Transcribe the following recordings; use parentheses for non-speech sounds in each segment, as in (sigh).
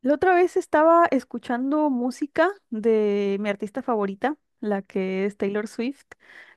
La otra vez estaba escuchando música de mi artista favorita, la que es Taylor Swift.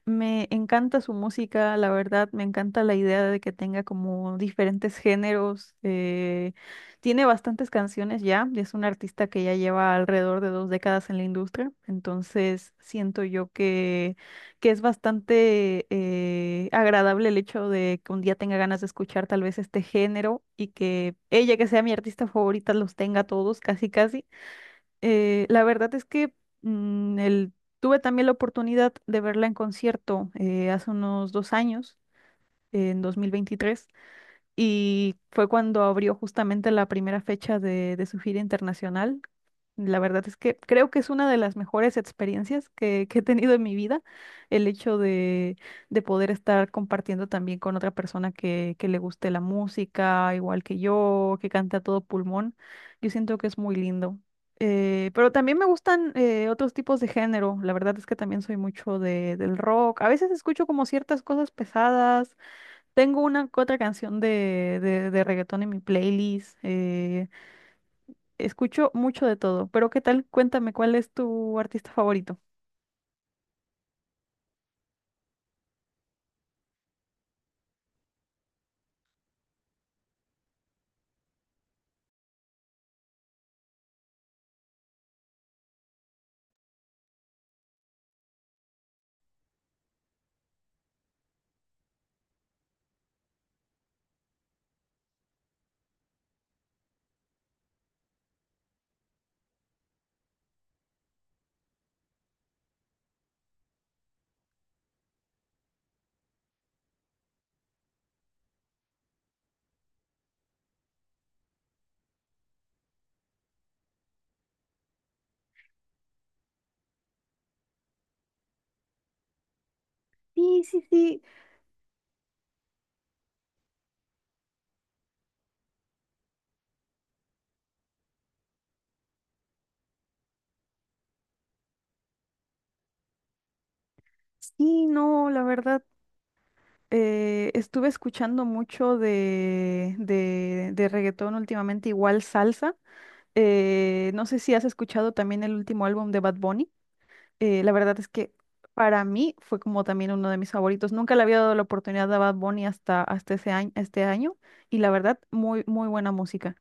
Me encanta su música, la verdad, me encanta la idea de que tenga como diferentes géneros. Tiene bastantes canciones ya, y es una artista que ya lleva alrededor de 2 décadas en la industria, entonces siento yo que es bastante agradable el hecho de que un día tenga ganas de escuchar tal vez este género y que ella, que sea mi artista favorita, los tenga todos, casi casi. La verdad es que mm, el- Tuve también la oportunidad de verla en concierto hace unos 2 años, en 2023, y fue cuando abrió justamente la primera fecha de su gira internacional. La verdad es que creo que es una de las mejores experiencias que he tenido en mi vida, el hecho de poder estar compartiendo también con otra persona que le guste la música, igual que yo, que canta a todo pulmón. Yo siento que es muy lindo. Pero también me gustan otros tipos de género. La verdad es que también soy mucho del rock. A veces escucho como ciertas cosas pesadas. Tengo una que otra canción de reggaetón en mi playlist. Escucho mucho de todo, pero ¿qué tal? Cuéntame, ¿cuál es tu artista favorito? Sí, sí, sí. Sí, no, la verdad, estuve escuchando mucho de reggaetón últimamente, igual salsa. No sé si has escuchado también el último álbum de Bad Bunny. La verdad es que para mí fue como también uno de mis favoritos. Nunca le había dado la oportunidad a Bad Bunny hasta, hasta ese año, este año, y la verdad, muy, muy buena música.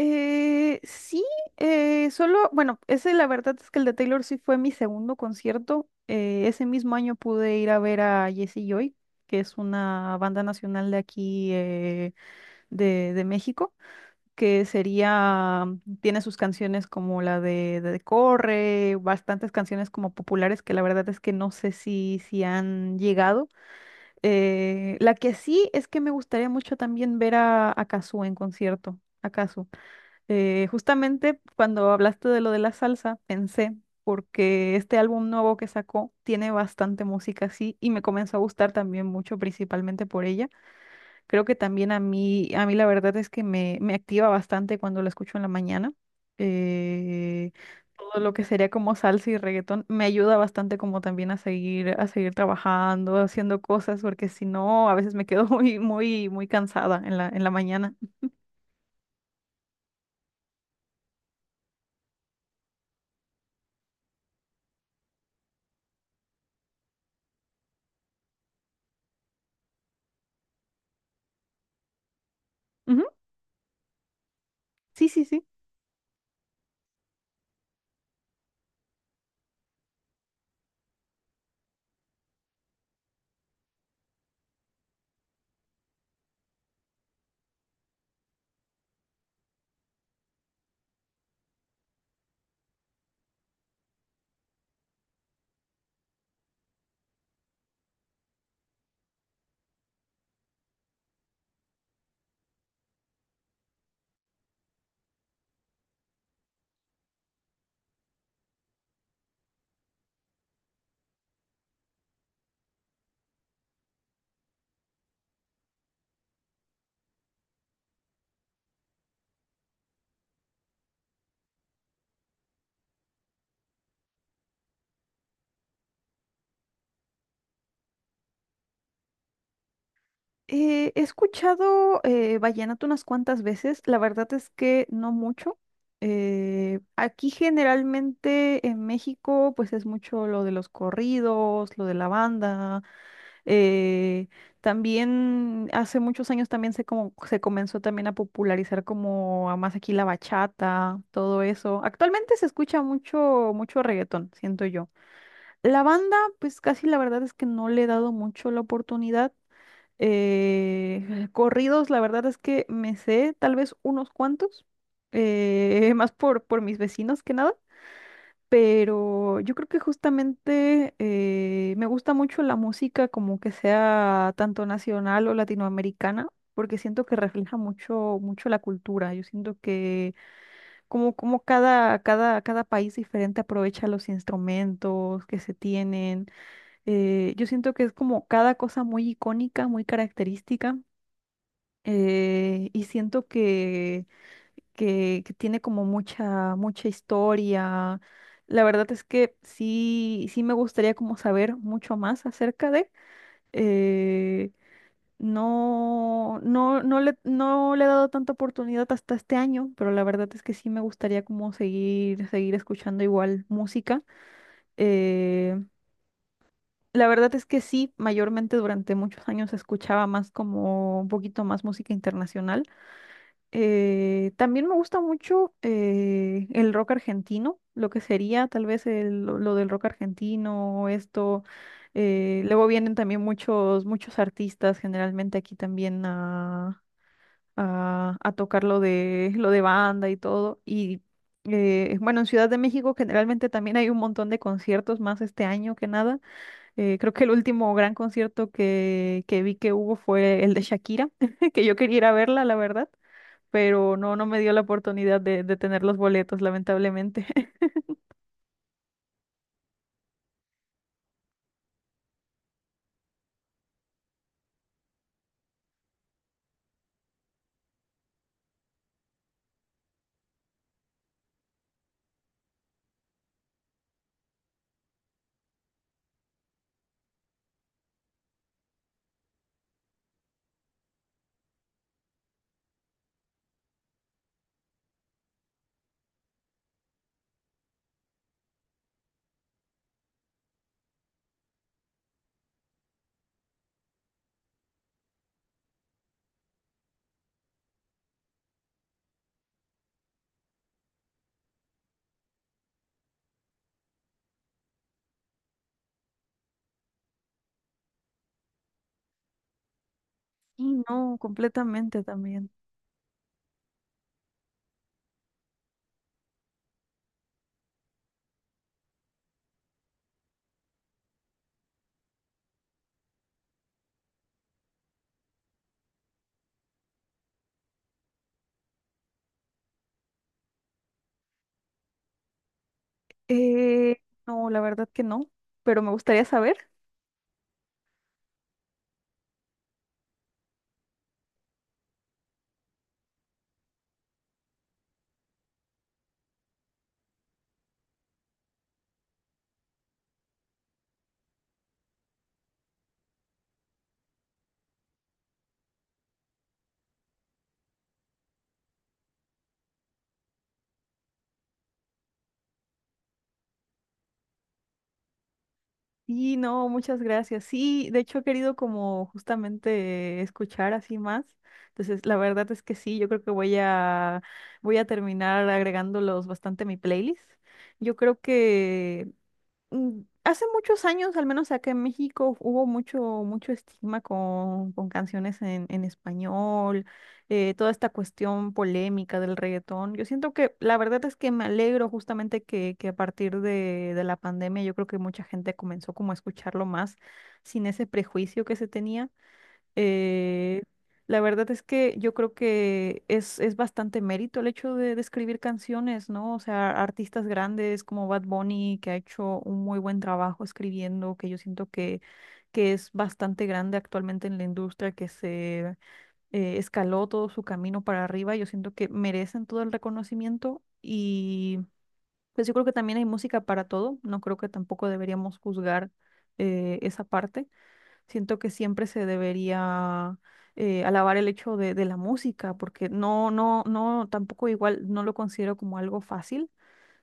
Sí, solo, bueno, ese la verdad es que el de Taylor sí fue mi segundo concierto. Ese mismo año pude ir a ver a Jesse Joy, que es una banda nacional de aquí de México, que sería, tiene sus canciones como la de Corre, bastantes canciones como populares que la verdad es que no sé si, si han llegado. La que sí es que me gustaría mucho también ver a Cazzu en concierto, a Cazzu. Justamente cuando hablaste de lo de la salsa, pensé, porque este álbum nuevo que sacó tiene bastante música así y me comenzó a gustar también mucho, principalmente por ella. Creo que también a mí la verdad es que me activa bastante cuando la escucho en la mañana. Eh, Todo lo que sería como salsa y reggaetón me ayuda bastante como también a seguir trabajando, haciendo cosas, porque si no, a veces me quedo (laughs) muy, muy, muy cansada en la mañana. Ujú, sí, sí, sí. He escuchado vallenato unas cuantas veces, la verdad es que no mucho. Aquí generalmente en México pues es mucho lo de los corridos, lo de la banda. eh, También hace muchos años también se, como, se comenzó también a popularizar como a más aquí la bachata, todo eso. Actualmente se escucha mucho, mucho reggaetón, siento yo. La banda pues casi la verdad es que no le he dado mucho la oportunidad. (laughs) Corridos, la verdad es que me sé tal vez unos cuantos, (laughs) más por mis vecinos que nada, pero yo creo que justamente me gusta mucho la música como que sea tanto nacional o latinoamericana, porque siento que refleja mucho, mucho la cultura. Yo siento que como, como cada, cada, cada país diferente aprovecha los instrumentos que se tienen. Yo siento que es como cada cosa muy icónica, muy característica, y siento que tiene como mucha, mucha historia. La verdad es que sí, sí me gustaría como saber mucho más acerca de. eh, no, no, no le, no le he dado tanta oportunidad hasta este año, pero la verdad es que sí me gustaría como seguir, seguir escuchando igual música. Eh, la verdad es que sí, mayormente durante muchos años escuchaba más como un poquito más música internacional. También me gusta mucho el rock argentino, lo que sería tal vez lo del rock argentino, esto. Luego vienen también muchos, muchos artistas generalmente aquí también a tocar lo lo de banda y todo. Y bueno, en Ciudad de México generalmente también hay un montón de conciertos más este año que nada. Creo que el último gran concierto que vi que hubo fue el de Shakira, (laughs) que yo quería ir a verla, la verdad, pero no, no me dio la oportunidad de tener los boletos, lamentablemente. (laughs) Y no, completamente también. Eh, no, la verdad que no, pero me gustaría saber. Sí, no, muchas gracias. Sí, de hecho he querido como justamente escuchar así más. Entonces, la verdad es que sí, yo creo que voy a terminar agregándolos bastante a mi playlist. Yo creo que hace muchos años, al menos acá en México, hubo mucho, mucho estigma con canciones en español, toda esta cuestión polémica del reggaetón. Yo siento que la verdad es que me alegro justamente que a partir de la pandemia yo creo que mucha gente comenzó como a escucharlo más sin ese prejuicio que se tenía. Eh, la verdad es que yo creo que es bastante mérito el hecho de escribir canciones, ¿no? O sea, artistas grandes como Bad Bunny, que ha hecho un muy buen trabajo escribiendo, que yo siento que es bastante grande actualmente en la industria, que se escaló todo su camino para arriba. Yo siento que merecen todo el reconocimiento y pues yo creo que también hay música para todo. No creo que tampoco deberíamos juzgar esa parte. Siento que siempre se debería alabar el hecho de la música, porque no, no, no, tampoco igual no lo considero como algo fácil.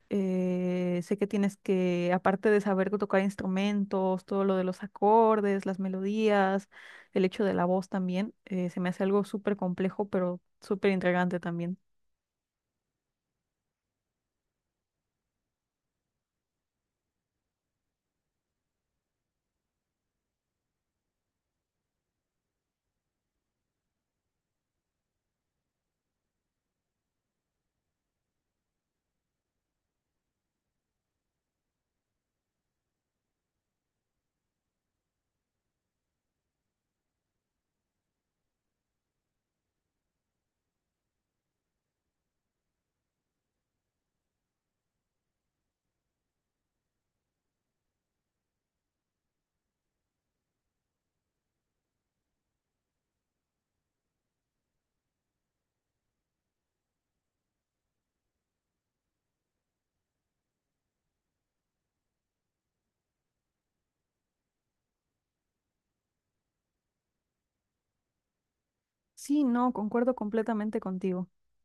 Sé que tienes que, aparte de saber tocar instrumentos, todo lo de los acordes, las melodías, el hecho de la voz también, se me hace algo súper complejo, pero súper intrigante también. Sí, no, concuerdo completamente contigo.